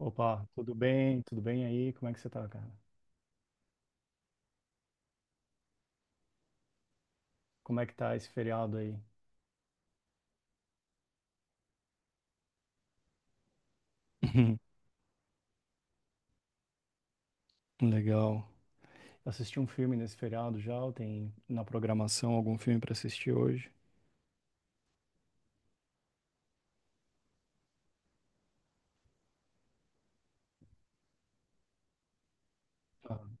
Opa, tudo bem? Tudo bem aí? Como é que você tá, cara? Como é que tá esse feriado aí? Legal. Assisti um filme nesse feriado já? Ou tem na programação algum filme pra assistir hoje? Aham,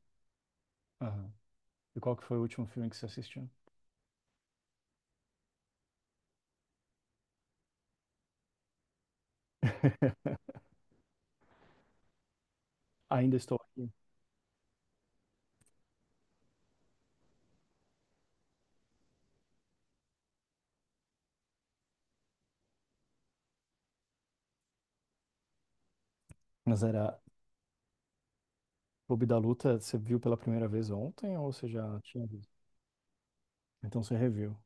aham. E qual que foi o último filme que você assistiu? Ainda estou aqui. Mas era Clube da Luta, você viu pela primeira vez ontem ou você já tinha visto? Então você reviu.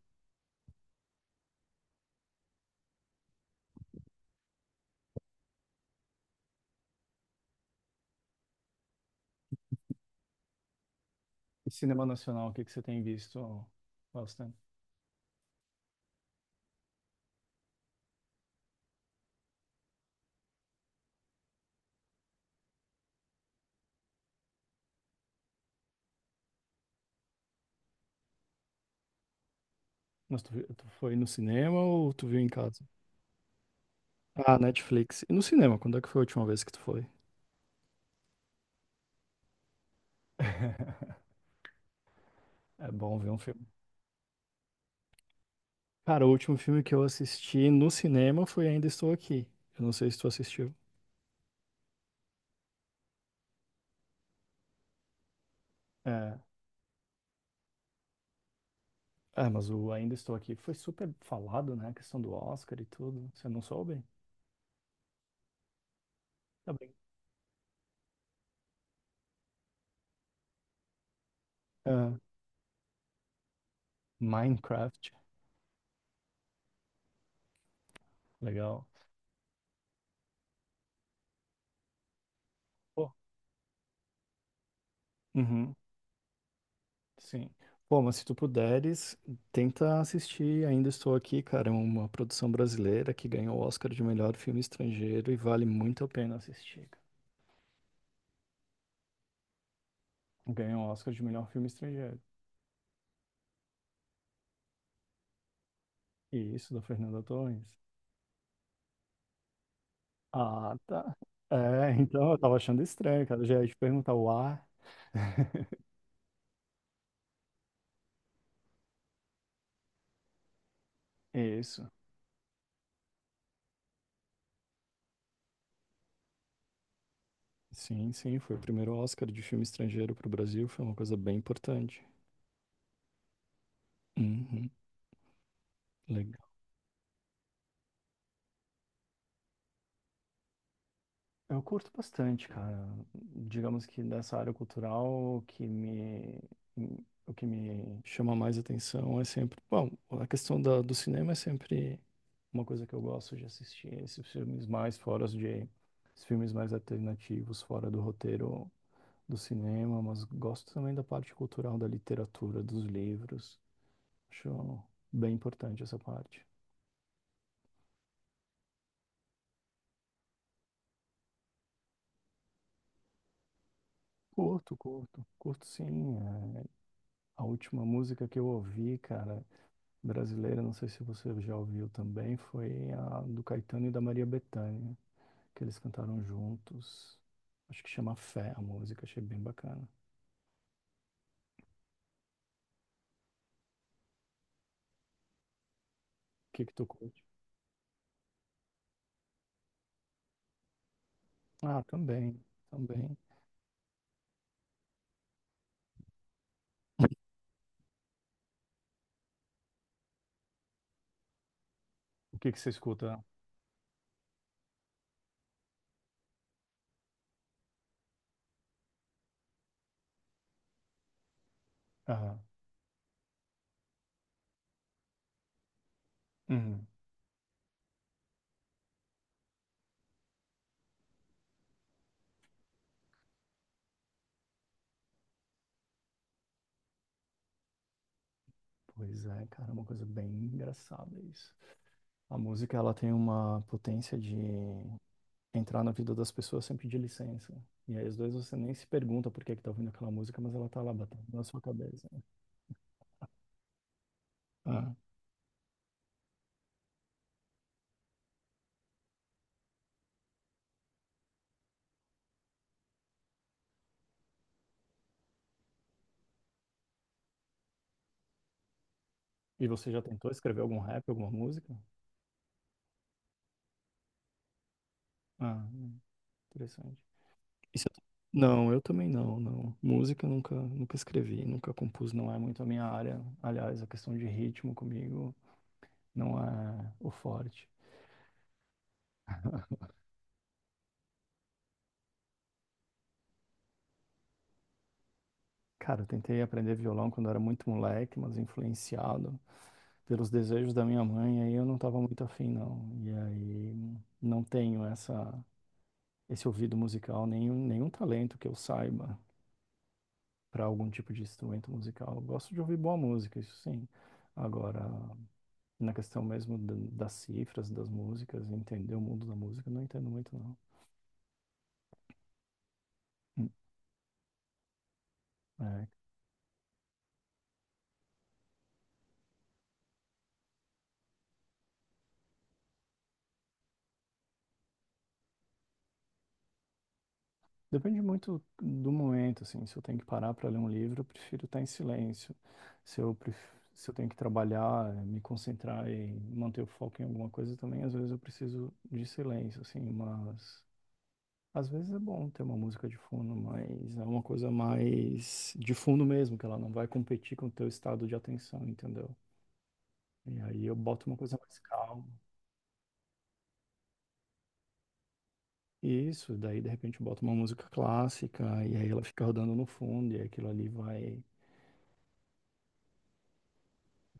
E cinema nacional, o que que você tem visto bastante? Mas tu foi no cinema ou tu viu em casa? Ah, Netflix. E no cinema, quando é que foi a última vez que tu foi? É bom ver um filme. Cara, o último filme que eu assisti no cinema foi Ainda Estou Aqui. Eu não sei se tu assistiu. É, mas o Ainda Estou Aqui foi super falado, né? A questão do Oscar e tudo. Você não soube? Tá bem. É. Minecraft, legal. Pô, uhum, sim. Pô, mas se tu puderes, tenta assistir Ainda Estou Aqui, cara. É uma produção brasileira que ganhou o Oscar de melhor filme estrangeiro e vale muito a pena assistir. Ganhou o Oscar de melhor filme estrangeiro. E isso, da Fernanda Torres. Ah, tá. É, então eu tava achando estranho, cara. Já ia te perguntar o ar. Isso. Sim, sim, foi o primeiro Oscar de filme estrangeiro pro Brasil, foi uma coisa bem importante. Uhum. Eu curto bastante, cara. Digamos que dessa área cultural, o que me chama mais atenção é sempre. Bom, a questão da, do cinema é sempre uma coisa que eu gosto de assistir. Esses filmes mais fora de. Esses filmes mais alternativos, fora do roteiro do cinema, mas gosto também da parte cultural, da literatura, dos livros. Acho bem importante essa parte. Curto, curto, curto sim. é, a última música que eu ouvi, cara, brasileira, não sei se você já ouviu também, foi a do Caetano e da Maria Bethânia, que eles cantaram juntos. Acho que chama Fé a música, achei bem bacana. O que que tu curte? Ah, também, também. O que que você escuta? Aham. Uhum. Pois é, cara, é uma coisa bem engraçada isso. A música, ela tem uma potência de entrar na vida das pessoas sem pedir licença. E aí, às vezes, você nem se pergunta por que que tá ouvindo aquela música, mas ela tá lá batendo na sua cabeça, né? Ah. E você já tentou escrever algum rap, alguma música? Ah, interessante. Isso eu Não, eu também não, não. Música eu nunca escrevi, nunca compus, não é muito a minha área. Aliás, a questão de ritmo comigo não é o forte. Cara, eu tentei aprender violão quando era muito moleque, mas influenciado pelos desejos da minha mãe, aí eu não estava muito afim, não. E aí não tenho esse ouvido musical, nenhum talento que eu saiba para algum tipo de instrumento musical. Eu gosto de ouvir boa música, isso sim. Agora, na questão mesmo da- das cifras, das músicas, entender o mundo da música, eu não entendo muito, não. Hum. É, depende muito do momento, assim. Se eu tenho que parar para ler um livro, eu prefiro estar em silêncio. Se eu, pref- Se eu tenho que trabalhar, me concentrar e manter o foco em alguma coisa também, às vezes eu preciso de silêncio, assim, mas às vezes é bom ter uma música de fundo, mas é uma coisa mais de fundo mesmo, que ela não vai competir com o teu estado de atenção, entendeu? E aí eu boto uma coisa mais calma. Isso, daí de repente eu boto uma música clássica, e aí ela fica rodando no fundo, e aquilo ali vai.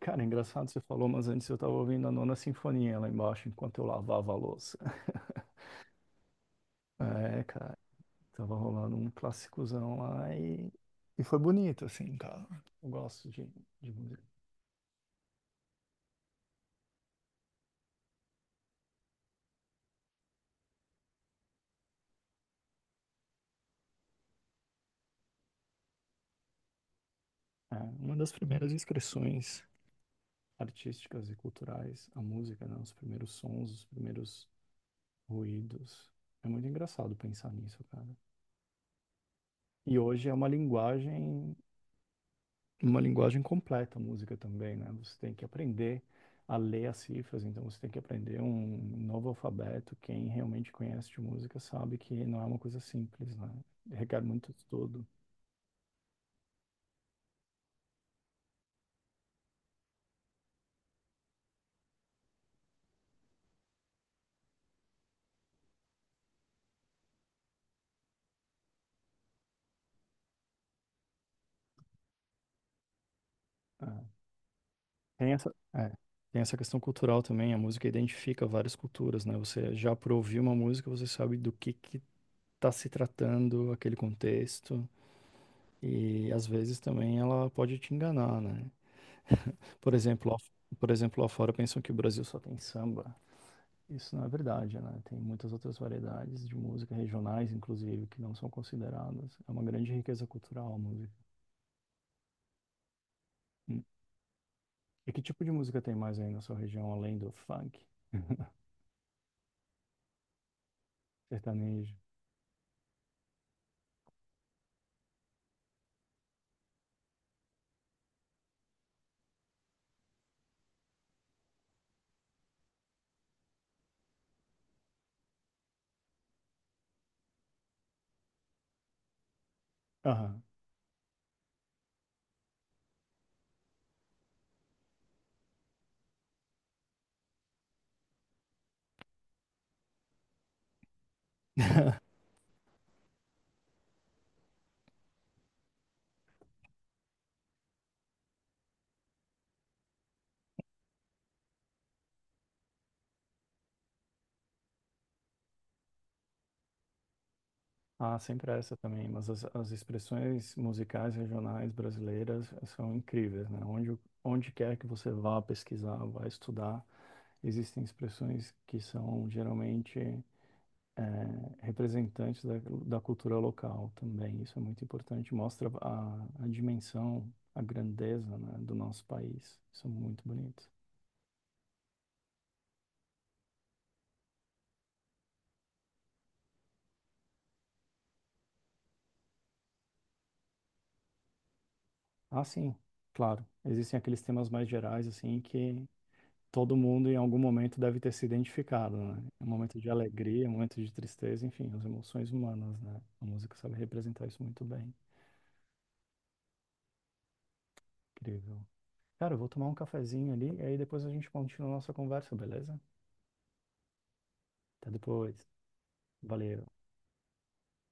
Cara, é engraçado você falou, mas antes eu tava ouvindo a Nona Sinfonia lá embaixo enquanto eu lavava a louça. É, cara, tava rolando um clássicozão lá e foi bonito, assim, cara. Eu gosto de, de música. É, uma das primeiras expressões artísticas e culturais, a música, né? Os primeiros sons, os primeiros ruídos. É muito engraçado pensar nisso, cara. E hoje é uma linguagem completa a música também, né? Você tem que aprender a ler as cifras, então você tem que aprender um novo alfabeto. Quem realmente conhece de música sabe que não é uma coisa simples, né? Requer muito estudo. Né? Tem essa, é, tem essa questão cultural também, a música identifica várias culturas, né? Você já por ouvir uma música, você sabe do que tá se tratando aquele contexto, e às vezes também ela pode te enganar, né? Por exemplo, lá, por exemplo, lá fora pensam que o Brasil só tem samba. Isso não é verdade, né? Tem muitas outras variedades de música regionais, inclusive, que não são consideradas. É uma grande riqueza cultural a música. Hum. E que tipo de música tem mais aí na sua região, além do funk, sertanejo? Aham. Ah, sempre essa também, mas as expressões musicais regionais brasileiras são incríveis, né? Onde, onde quer que você vá pesquisar, vá estudar, existem expressões que são geralmente representantes da, da cultura local também. Isso é muito importante, mostra a dimensão, a grandeza, né, do nosso país. São muito bonitos. Ah, sim, claro. Existem aqueles temas mais gerais, assim, que todo mundo em algum momento deve ter se identificado, né? É um momento de alegria, um momento de tristeza, enfim, as emoções humanas, né? A música sabe representar isso muito bem. Incrível. Cara, eu vou tomar um cafezinho ali e aí depois a gente continua a nossa conversa, beleza? Até depois. Valeu.